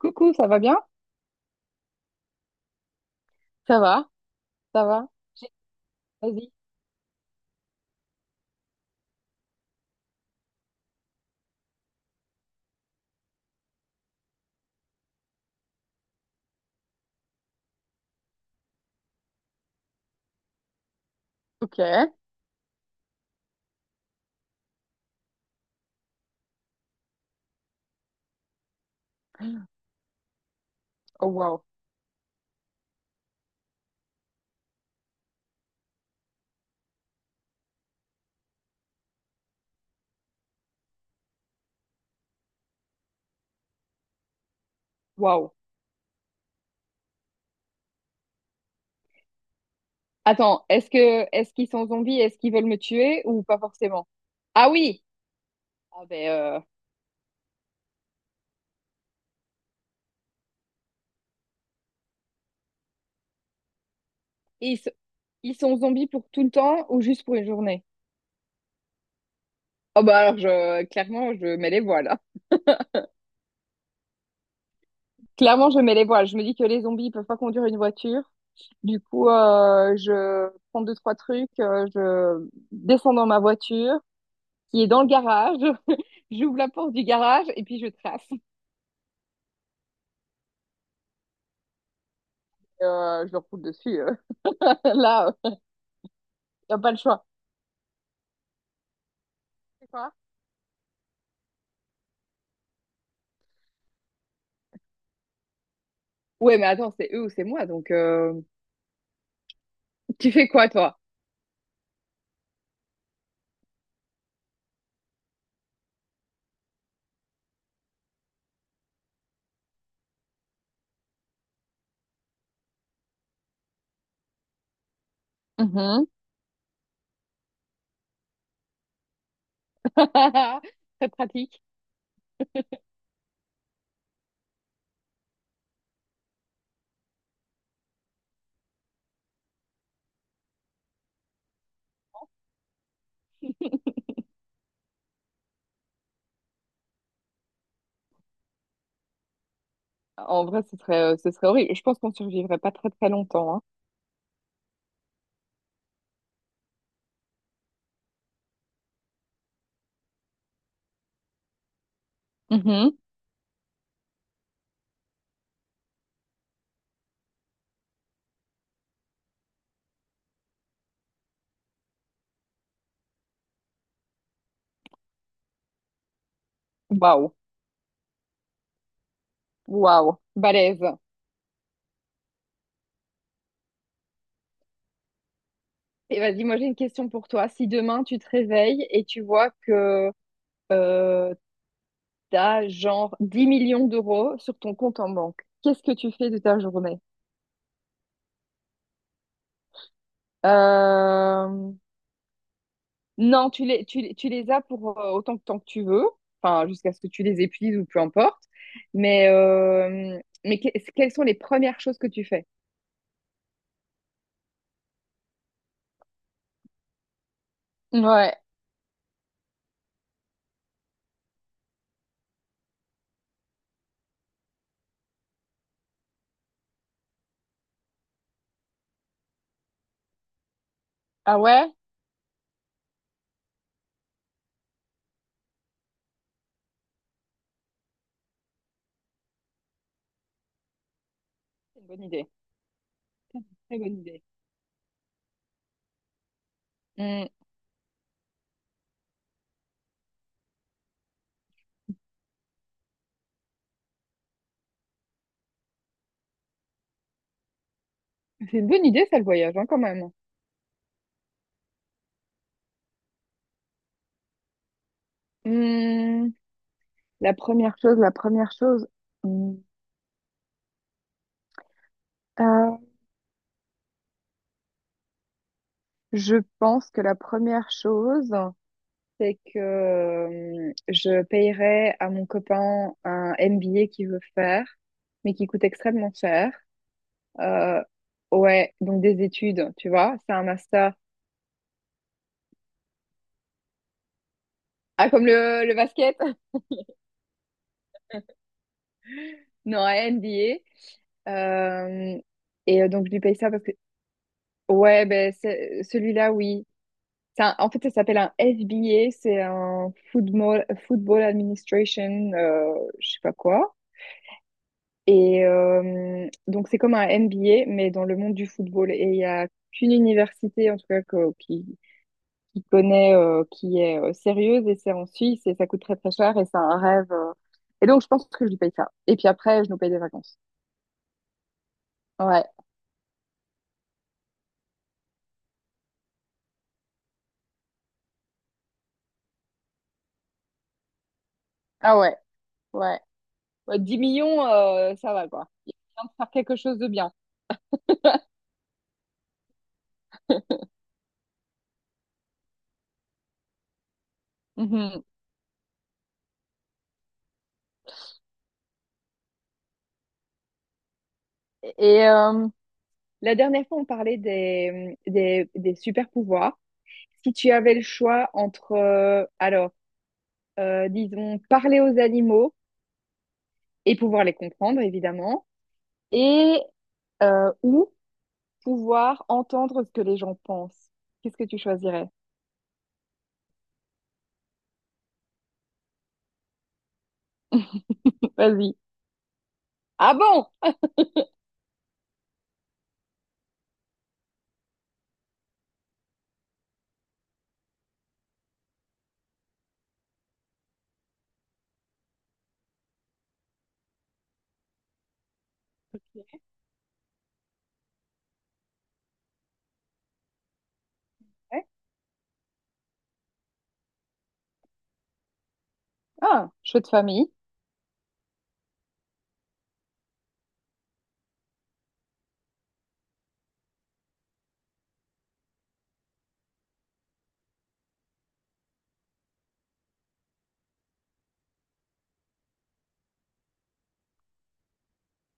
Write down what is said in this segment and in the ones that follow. Coucou, ça va bien? Ça va, ça va, vas-y. Ok. Oh waouh, waouh. Attends, est-ce qu'ils sont zombies? Est-ce qu'ils veulent me tuer ou pas forcément? Ah oui. Ah ben ils, s- ils sont zombies pour tout le temps ou juste pour une journée? Oh bah alors je clairement je mets les voiles. Clairement je mets les voiles. Je me dis que les zombies ils peuvent pas conduire une voiture. Du coup je prends deux trois trucs, je descends dans ma voiture qui est dans le garage. J'ouvre la porte du garage et puis je trace. Je leur roule dessus. Là, il n'y a pas le choix. C'est quoi? Ouais, mais attends, c'est eux ou c'est moi, donc tu fais quoi, toi? Mhm. Très pratique. En vrai, ce serait horrible. Je pense qu'on survivrait pas très très longtemps, hein. Mhm. Waouh, waouh. Balèze. Et vas-y, moi j'ai une question pour toi. Si demain tu te réveilles et tu vois que euh, t'as genre 10 millions d'euros sur ton compte en banque. Qu'est-ce que tu fais de ta journée? Euh, Non, tu les as pour autant de temps que tu veux, enfin, jusqu'à ce que tu les épuises ou peu importe. Mais, mais que- quelles sont les premières choses que tu fais? Ouais. Ah ouais? C'est une bonne idée. Très bonne idée. Hmm. C'est une bonne idée, ça, le voyage, hein, quand même. Hmm, la première chose, la première chose. hmm, euh, je pense que la première chose, c'est que je payerais à mon copain un MBA qu'il veut faire, mais qui coûte extrêmement cher. Euh, ouais, donc des études, tu vois, c'est un master. Ah, comme le basket? Non, un MBA. Euh, et donc, je lui paye ça parce que, ouais, ben, celui-là, oui. En fait, ça s'appelle un FBA, c'est un Football, Football Administration, je sais pas quoi. Et donc, c'est comme un MBA, mais dans le monde du football. Et il y a qu'une université, en tout cas, qui connaît, qui est sérieuse, et c'est en Suisse, et ça coûte très très cher, et c'est un rêve. Et donc, je pense que je lui paye ça. Et puis après, je nous paye des vacances. Ouais. Ah ouais, ouais. Ouais, 10 millions, ça va, quoi. Il est bien de faire quelque chose de bien. Mhm. Et la dernière fois, on parlait des, des super pouvoirs. Si tu avais le choix entre alors, disons, parler aux animaux et pouvoir les comprendre, évidemment, et ou pouvoir entendre ce que les gens pensent. Qu'est-ce que tu choisirais? Vas-y. Ah bon? Ouais. Ah, choix de famille.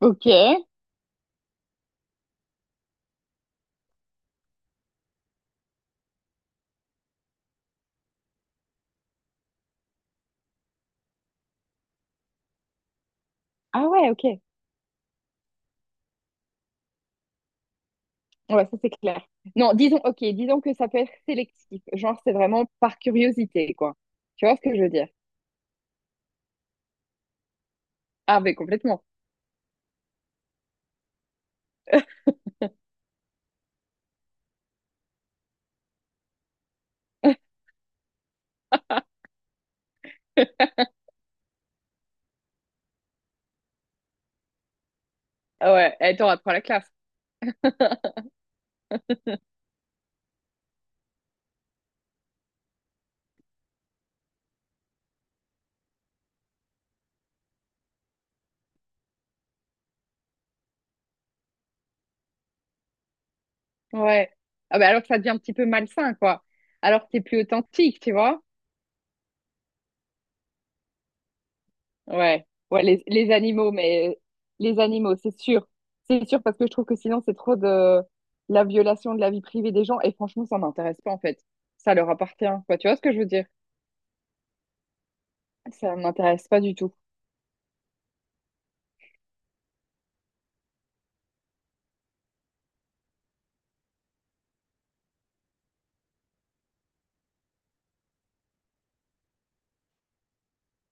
Ok. Ah ouais, ok. Ouais, ça c'est clair. Non, disons, ok, disons que ça peut être sélectif. Genre, c'est vraiment par curiosité, quoi. Tu vois ce que je veux dire? Ah, mais complètement. Ah ouais, attends, apprends la classe. Ouais. Ah, mais alors que ça devient un petit peu malsain, quoi. Alors que t'es plus authentique, tu vois? Ouais, ouais, les animaux, mais les animaux, c'est sûr. C'est sûr parce que je trouve que sinon c'est trop de la violation de la vie privée des gens et franchement ça m'intéresse pas en fait. Ça leur appartient, quoi. Tu vois ce que je veux dire? Ça m'intéresse pas du tout.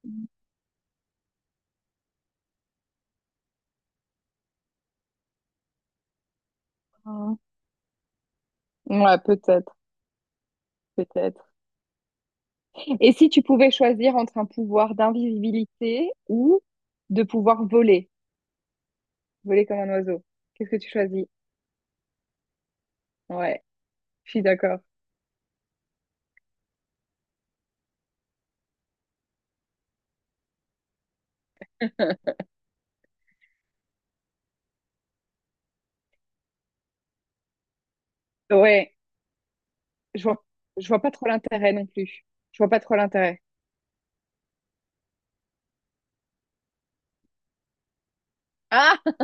Mhm. Ouais, peut-être, peut-être. Et si tu pouvais choisir entre un pouvoir d'invisibilité ou de pouvoir voler, voler comme un oiseau, qu'est-ce que tu choisis? Ouais, je suis d'accord. Ouais, je vois, je vois pas trop l'intérêt non plus. Je vois pas trop l'intérêt.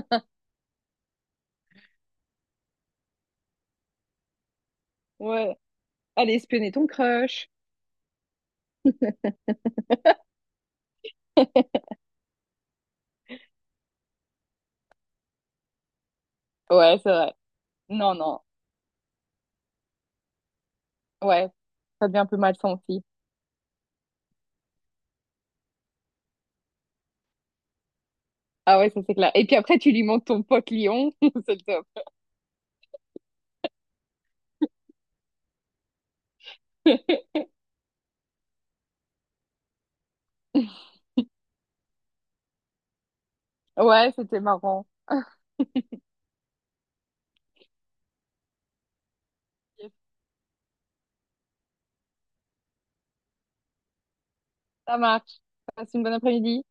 Ouais. Allez, espionner ton crush. Ouais, c'est vrai. Non, non. Ouais. Ça devient un peu malsain aussi. Ah ouais, ça c'est clair. Et puis après, tu lui montres ton pote lion. C'est le top. Ouais, c'était marrant. Yes. Ça marche. Passe une bonne après-midi.